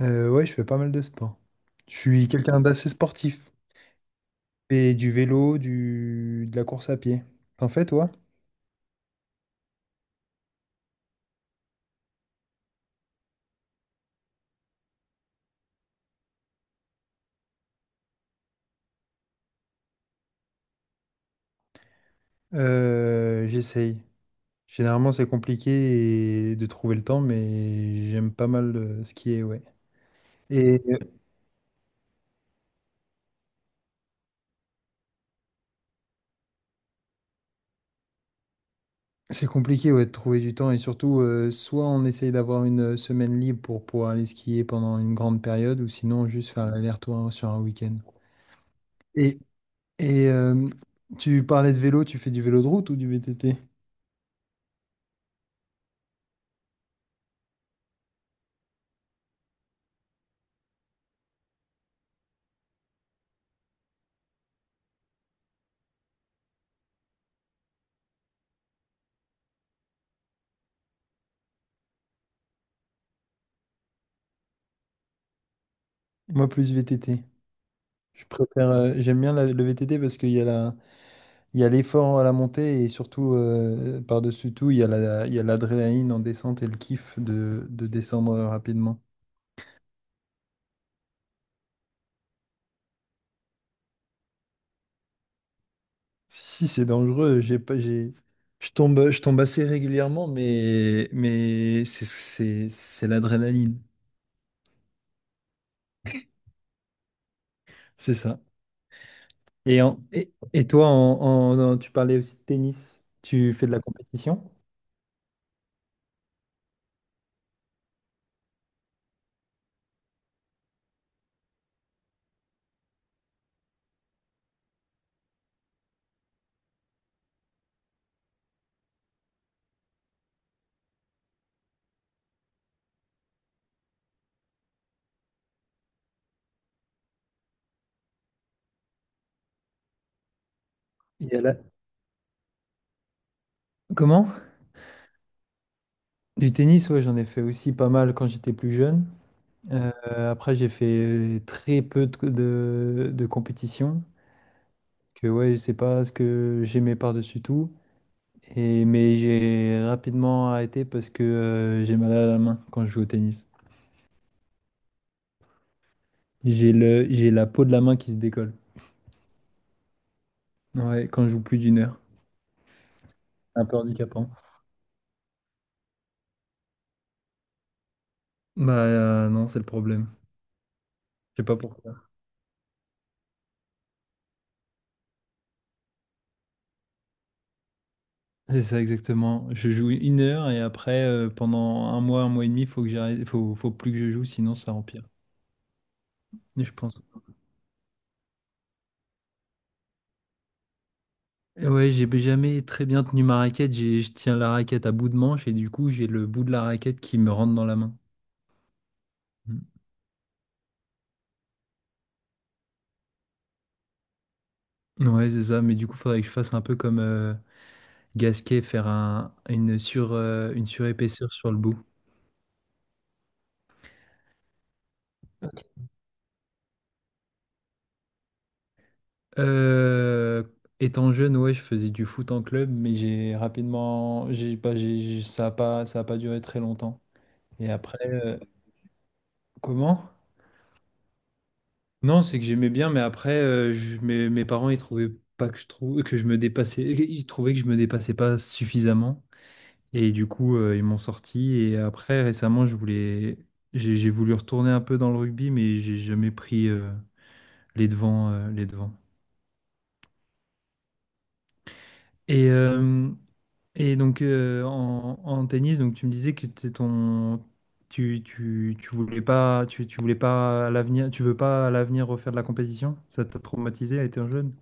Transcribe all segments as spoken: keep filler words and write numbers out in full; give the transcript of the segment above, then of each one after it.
Euh, ouais, je fais pas mal de sport. Je suis quelqu'un d'assez sportif. Et du vélo, du... de la course à pied. T'en fais, toi? Euh, j'essaye. Généralement, c'est compliqué et- de trouver le temps, mais j'aime pas mal euh, skier, ouais. Et euh, c'est compliqué, ouais, de trouver du temps. Et surtout, euh, soit on essaye d'avoir une euh, semaine libre pour pouvoir aller skier pendant une grande période, ou sinon juste faire l'aller-retour sur un week-end. Et, et euh, tu parlais de vélo, tu fais du vélo de route ou du V T T? Moi, plus V T T. Je préfère, euh, j'aime bien la- le V T T parce qu'il y a la, il y a l'effort à la montée et surtout, euh, par-dessus tout, il y a la, il y a l'adrénaline en descente et le kiff de, de descendre rapidement. Si, si, c'est dangereux, j'ai pas, j'ai, je tombe, je tombe assez régulièrement, mais, mais c'est, c'est, c'est l'adrénaline, c'est ça. Et, en, et, et toi, en, en- en- tu parlais aussi de tennis, tu fais de la compétition? Il y a la- Comment? Du tennis, ouais, j'en ai fait aussi pas mal quand j'étais plus jeune. Euh, Après, j'ai fait très peu de, de, de compétitions, que ouais, c'est pas ce que j'aimais par-dessus tout. Et, mais j'ai rapidement arrêté parce que euh, j'ai mal à la main quand je joue au tennis. J'ai le, j'ai la peau de la main qui se décolle. Ouais, quand je joue plus d'une heure. C'est un peu handicapant. Bah euh, non, c'est le problème. Je sais pas pourquoi. C'est ça exactement. Je joue une heure et après, euh, pendant un mois, un mois et demi, faut que j'arrête, faut, faut plus que je joue, sinon ça empire. Je pense. Et ouais, j'ai jamais très bien tenu ma raquette. J'ai, je tiens la raquette à bout de manche et du coup, j'ai le bout de la raquette qui me rentre dans la main. Mm. Ouais, c'est ça. Mais du coup, faudrait que je fasse un peu comme euh, Gasquet, faire un, une sur, euh, une surépaisseur sur le bout. Euh, Étant jeune, ouais, je faisais du foot en club, mais j'ai rapidement, j'ai pas, j'ai, j'ai- ça a pas, ça a pas duré très longtemps. Et après, euh, comment? Non, c'est que j'aimais bien, mais après, euh, je- mes, mes parents, ils trouvaient pas que je trouve que je me dépassais, ils trouvaient que je me dépassais pas suffisamment, et du coup, euh, ils m'ont sorti. Et après, récemment, je voulais, j'ai j'ai voulu retourner un peu dans le rugby, mais j'ai jamais pris euh, les devants, euh, les devants. Et euh, et donc euh, en, en tennis, donc tu me disais que t'es ton, tu, tu, tu voulais pas, tu, tu voulais pas à l'avenir, tu veux pas à l'avenir refaire de la compétition? Ça t'a traumatisé à être jeune?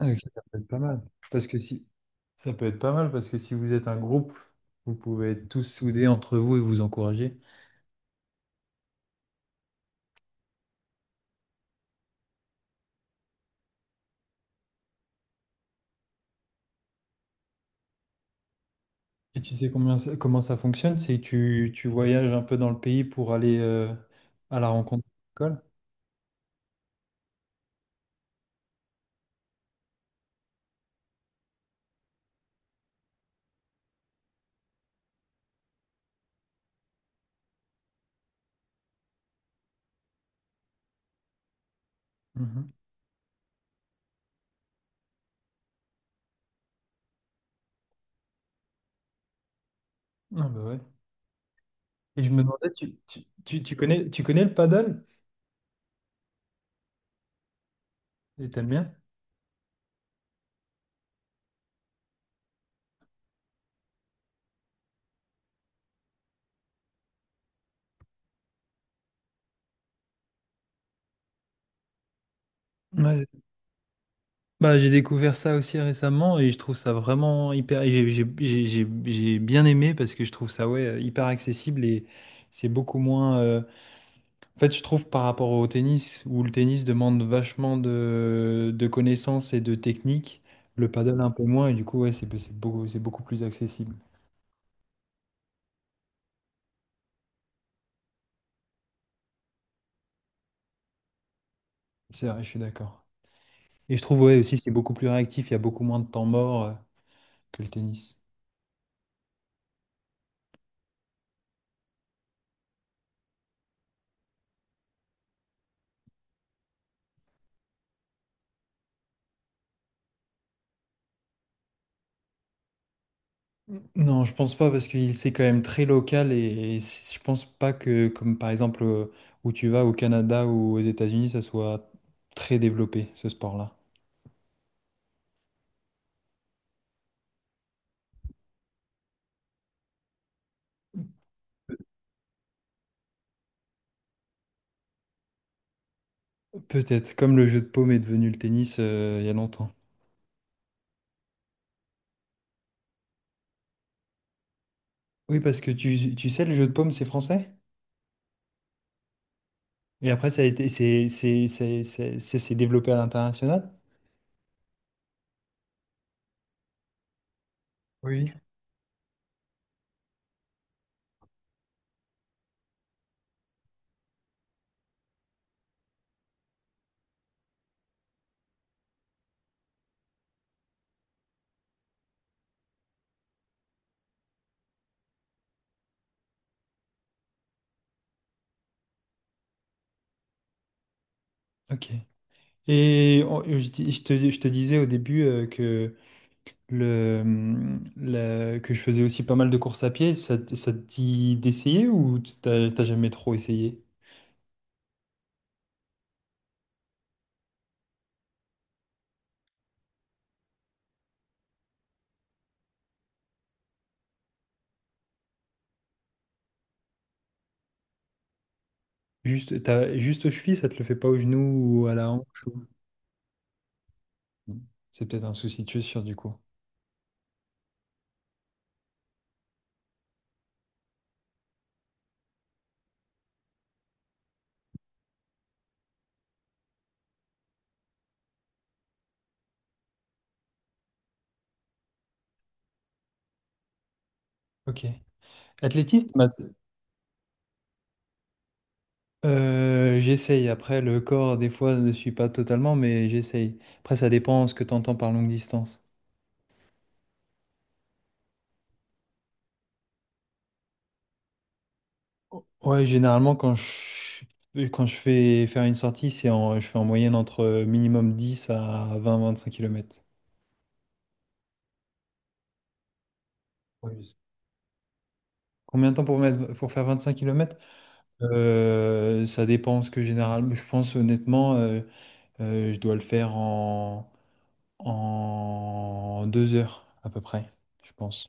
Ah, ok, ça peut être pas mal. Parce que si, ça peut être pas mal parce que si vous êtes un groupe, vous pouvez être tous soudés entre vous et vous encourager. Et tu sais combien ça- comment ça fonctionne? C'est que tu, tu voyages un peu dans le pays pour aller euh, à la rencontre de l'école. Mhm. Ah bah ouais. Et je me demandais, tu, tu, tu, tu connais, tu connais le paddle? Et t'aimes bien? Ouais, bah, j'ai découvert ça aussi récemment et je trouve ça vraiment hyper. Et J'ai j'ai- j'ai- j'ai- j'ai bien aimé parce que je trouve ça ouais, hyper accessible et c'est beaucoup moins. euh, En fait, je trouve par rapport au tennis, où le tennis demande vachement de, de connaissances et de techniques, le paddle un peu moins et du coup, ouais, c'est c'est beaucoup, c'est beaucoup plus accessible. C'est vrai, je suis d'accord. Et je trouve ouais, aussi c'est beaucoup plus réactif, il y a beaucoup moins de temps mort euh, que le tennis. Non, je pense pas parce qu'il c'est quand même très local et, et si- je pense pas que comme par exemple euh, où tu vas au Canada ou aux États-Unis, ça soit très développé ce sport-là. Peut-être comme le jeu de paume est devenu le tennis euh, il y a longtemps. Oui, parce que tu, tu sais, le jeu de paume c'est français et après ça a été c'est c'est c'est c'est c'est- c'est développé à l'international. Oui. Ok. Et on- je, dis- je te, je te disais au début le, le- que je faisais aussi pas mal de courses à pied, ça, te- ça te dit d'essayer ou t'as t'as jamais trop essayé? Juste, t'as, juste aux chevilles, ça te le fait pas aux genoux ou à la hanche ou- C'est peut-être un souci, tu es sûr du coup. Ok. Athlétisme, ma- euh, J'essaye. Après, le corps, des fois, ne suit pas totalement, mais j'essaye. Après, ça dépend ce que tu entends par longue distance. Ouais, généralement, quand je, quand je fais faire une sortie, c'est en, je fais en moyenne entre minimum dix à vingt vingt-cinq kilomètres. Oui. Combien de temps pour mettre, pour faire vingt-cinq kilomètres km? Ça dépend ce que généralement. Je pense honnêtement, euh, euh, je dois le faire en, en deux heures à peu près, je pense.